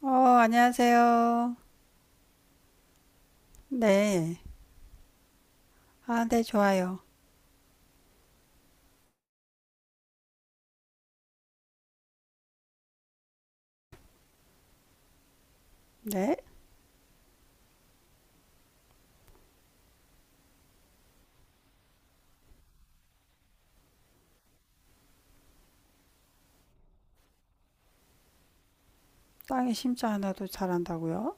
어, 안녕하세요. 네. 아, 네, 좋아요. 네. 땅에 심지 않아도 자란다고요?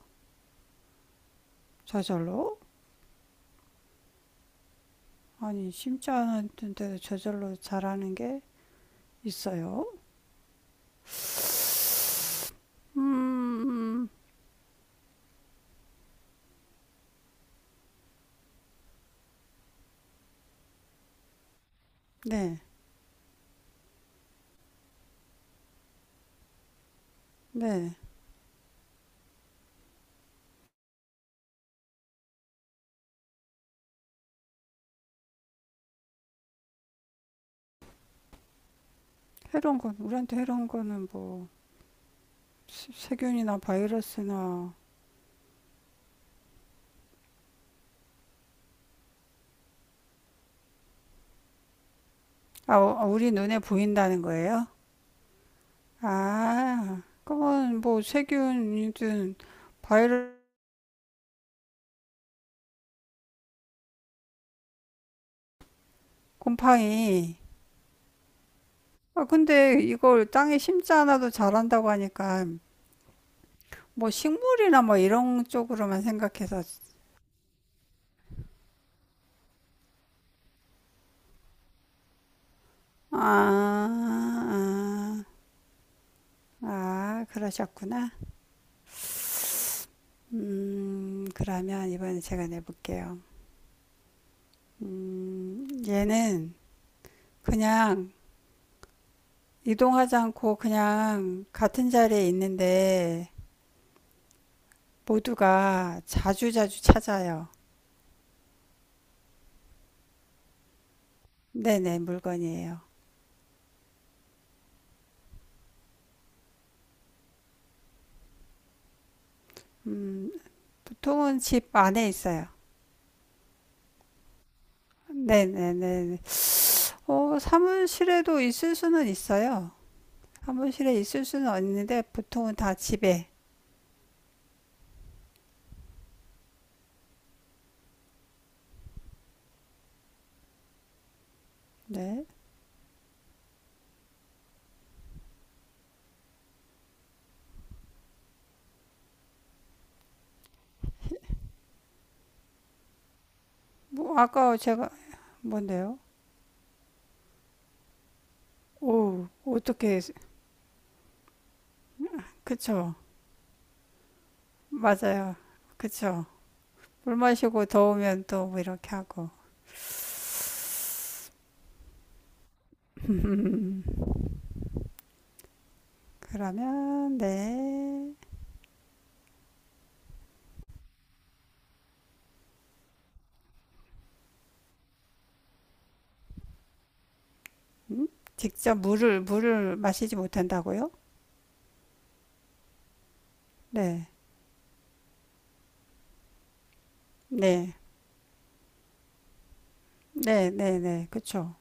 저절로? 아니, 심지 않았는데도 저절로 자라는 게 있어요? 음, 네, 네. 해로운 건, 우리한테 해로운 거는 뭐, 세균이나 바이러스나, 아, 어, 아, 우리 눈에 보인다는 거예요? 아, 그건 뭐, 세균이든 바이러스, 곰팡이, 아, 근데 이걸 땅에 심지 않아도 자란다고 하니까 뭐 식물이나 뭐 이런 쪽으로만 생각해서 아, 아, 아, 그러셨구나. 그러면 이번에 제가 내볼게요. 얘는 그냥 이동하지 않고 그냥 같은 자리에 있는데 모두가 자주자주 찾아요. 네네, 물건이에요. 음, 보통은 집 안에 있어요. 네네네. 어, 사무실에도 있을 수는 있어요. 사무실에 있을 수는 있는데 보통은 다 집에. 네. 뭐 아까 제가 뭔데요? 오, 어떻게 그쵸? 맞아요. 그쵸? 물 마시고 더우면 또 뭐 이렇게 하고. 그러면 네. 음? 직접 물을 마시지 못한다고요? 네. 네. 네, 네, 네. 그쵸?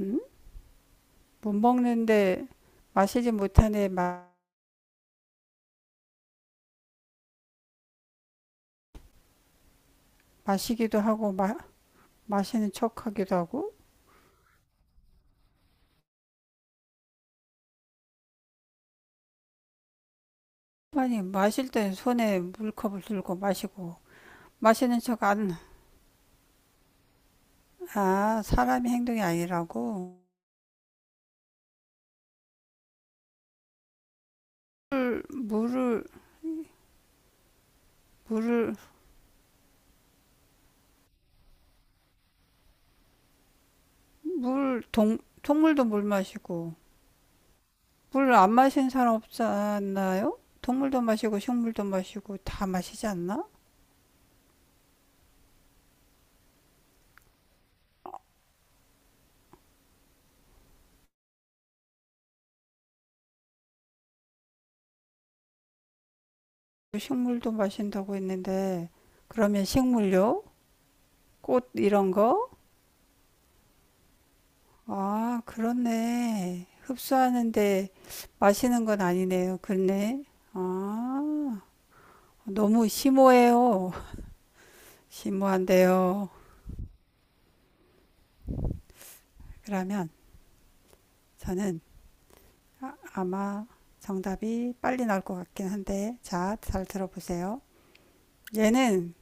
음? 못 먹는데 마시지 못하네 마, 마시기도 하고 마, 마시는 척하기도 하고 아니 마실 땐 손에 물컵을 들고 마시고 마시는 척 안 아 사람의 행동이 아니라고 물 물을 물을 물 동물도 물 마시고 물 안 마시는 사람 없지 않나요? 동물도 마시고 식물도 마시고 다 마시지 않나? 식물도 마신다고 했는데 그러면 식물요? 꽃 이런 거 아, 그렇네. 흡수하는데 마시는 건 아니네요. 그렇네. 아, 너무 심오해요. 심오한데요. 그러면 저는 아, 아마 정답이 빨리 나올 것 같긴 한데, 잘 들어보세요. 얘는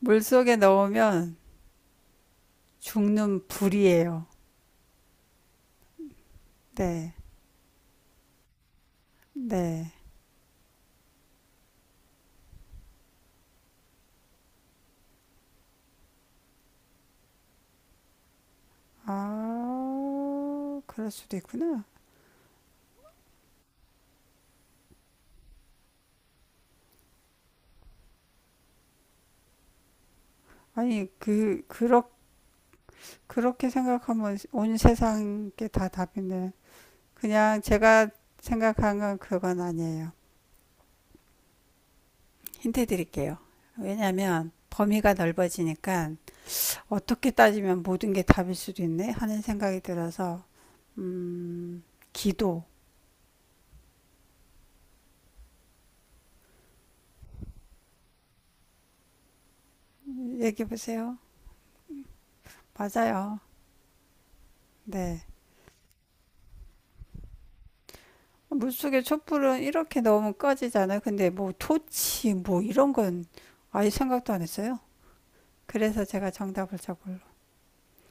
물속에 넣으면 죽는 불이에요. 네, 네. 아, 그럴 수도 있구나. 아니, 그렇게 생각하면 온 세상 게 다 답인데 그냥 제가 생각한 건 그건 아니에요. 힌트 드릴게요. 왜냐하면 범위가 넓어지니까 어떻게 따지면 모든 게 답일 수도 있네 하는 생각이 들어서 음, 기도 얘기해 보세요. 맞아요. 네. 물속에 촛불은 이렇게 넣으면 꺼지잖아요. 근데 뭐 토치 뭐 이런 건 아예 생각도 안 했어요. 그래서 제가 정답을 적을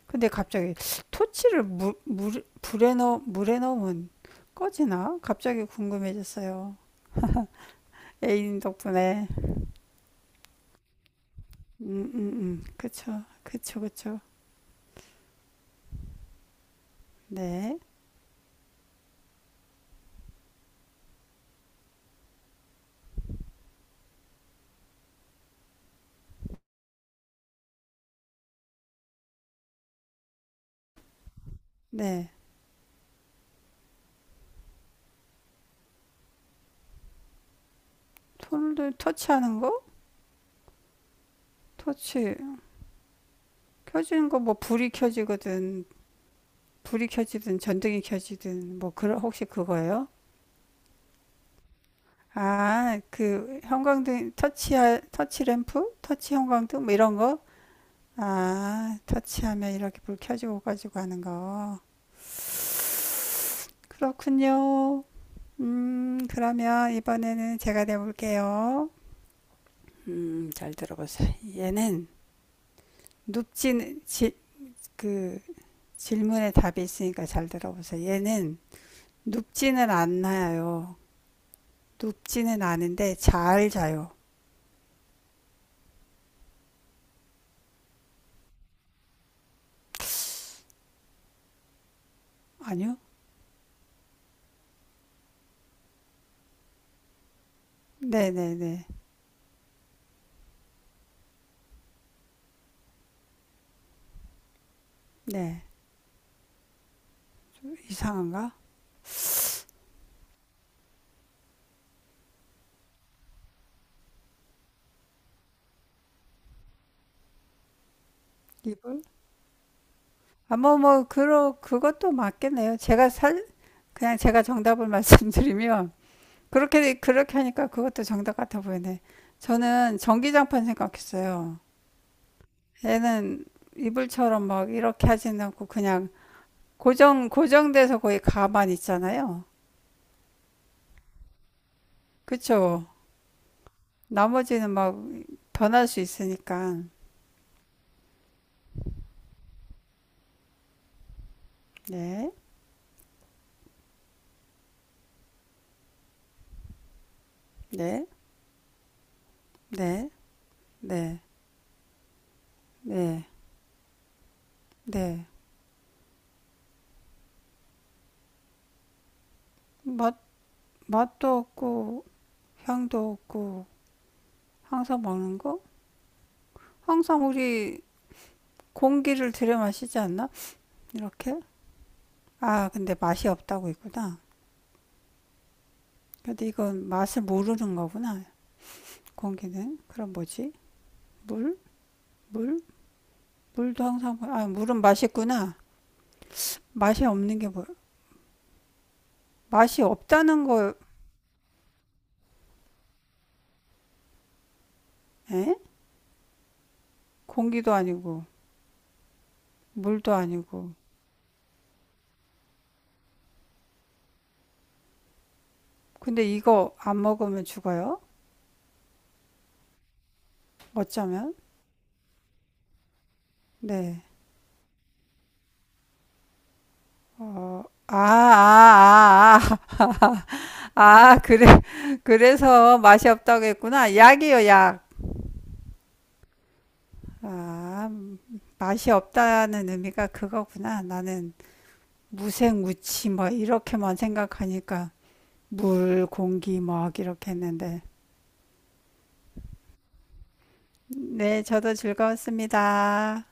근데 갑자기 토치를 불에 물에 넣으면 꺼지나? 갑자기 궁금해졌어요. 애인 덕분에. 음, 음, 그쵸. 그쵸, 그쵸. 네. 네. 토를 터치하는 거? 터치. 켜지는 거 뭐 불이 켜지거든. 불이 켜지든 전등이 켜지든 뭐 그런 혹시 그거예요? 아, 그 형광등 터치 터치 램프, 터치 형광등 뭐 이런 거? 아, 터치하면 이렇게 불 켜지고 가지고 하는 거. 그렇군요. 그러면 이번에는 제가 내볼게요. 잘 들어보세요. 얘는 눕지는 지, 그 질문에 답이 있으니까 잘 들어보세요. 얘는 눕지는 않나요? 눕지는 않은데 잘 자요. 아니요? 네네네. 네. 이상한가? 이불? 아, 그것도 맞겠네요. 제가 살, 그냥 제가 정답을 말씀드리면 그렇게 하니까 그것도 정답 같아 보이네. 저는 전기장판 생각했어요. 얘는 이불처럼 막 이렇게 하진 않고 그냥 고정돼서 거의 가만 있잖아요. 그쵸? 나머지는 막 변할 수 있으니까. 네, 네, 네, 네, 네, 네. 맛 맛도 없고 향도 없고 항상 먹는 거? 항상 우리 공기를 들여 마시지 않나? 이렇게? 아, 근데 맛이 없다고 있구나. 근데 이건 맛을 모르는 거구나. 공기는. 그럼 뭐지? 물? 물? 물도 항상, 아, 물은 맛있구나. 맛이 없는 게 뭐, 맛이 없다는 거, 에? 공기도 아니고, 물도 아니고. 근데 이거 안 먹으면 죽어요? 어쩌면? 네. 어, 아, 아, 아, 아, 아, 그래, 그래서 맛이 없다고 했구나. 약이요, 약. 아, 맛이 없다는 의미가 그거구나. 나는 무생무치 뭐 이렇게만 생각하니까 물, 공기, 먹 이렇게 했는데. 네, 저도 즐거웠습니다.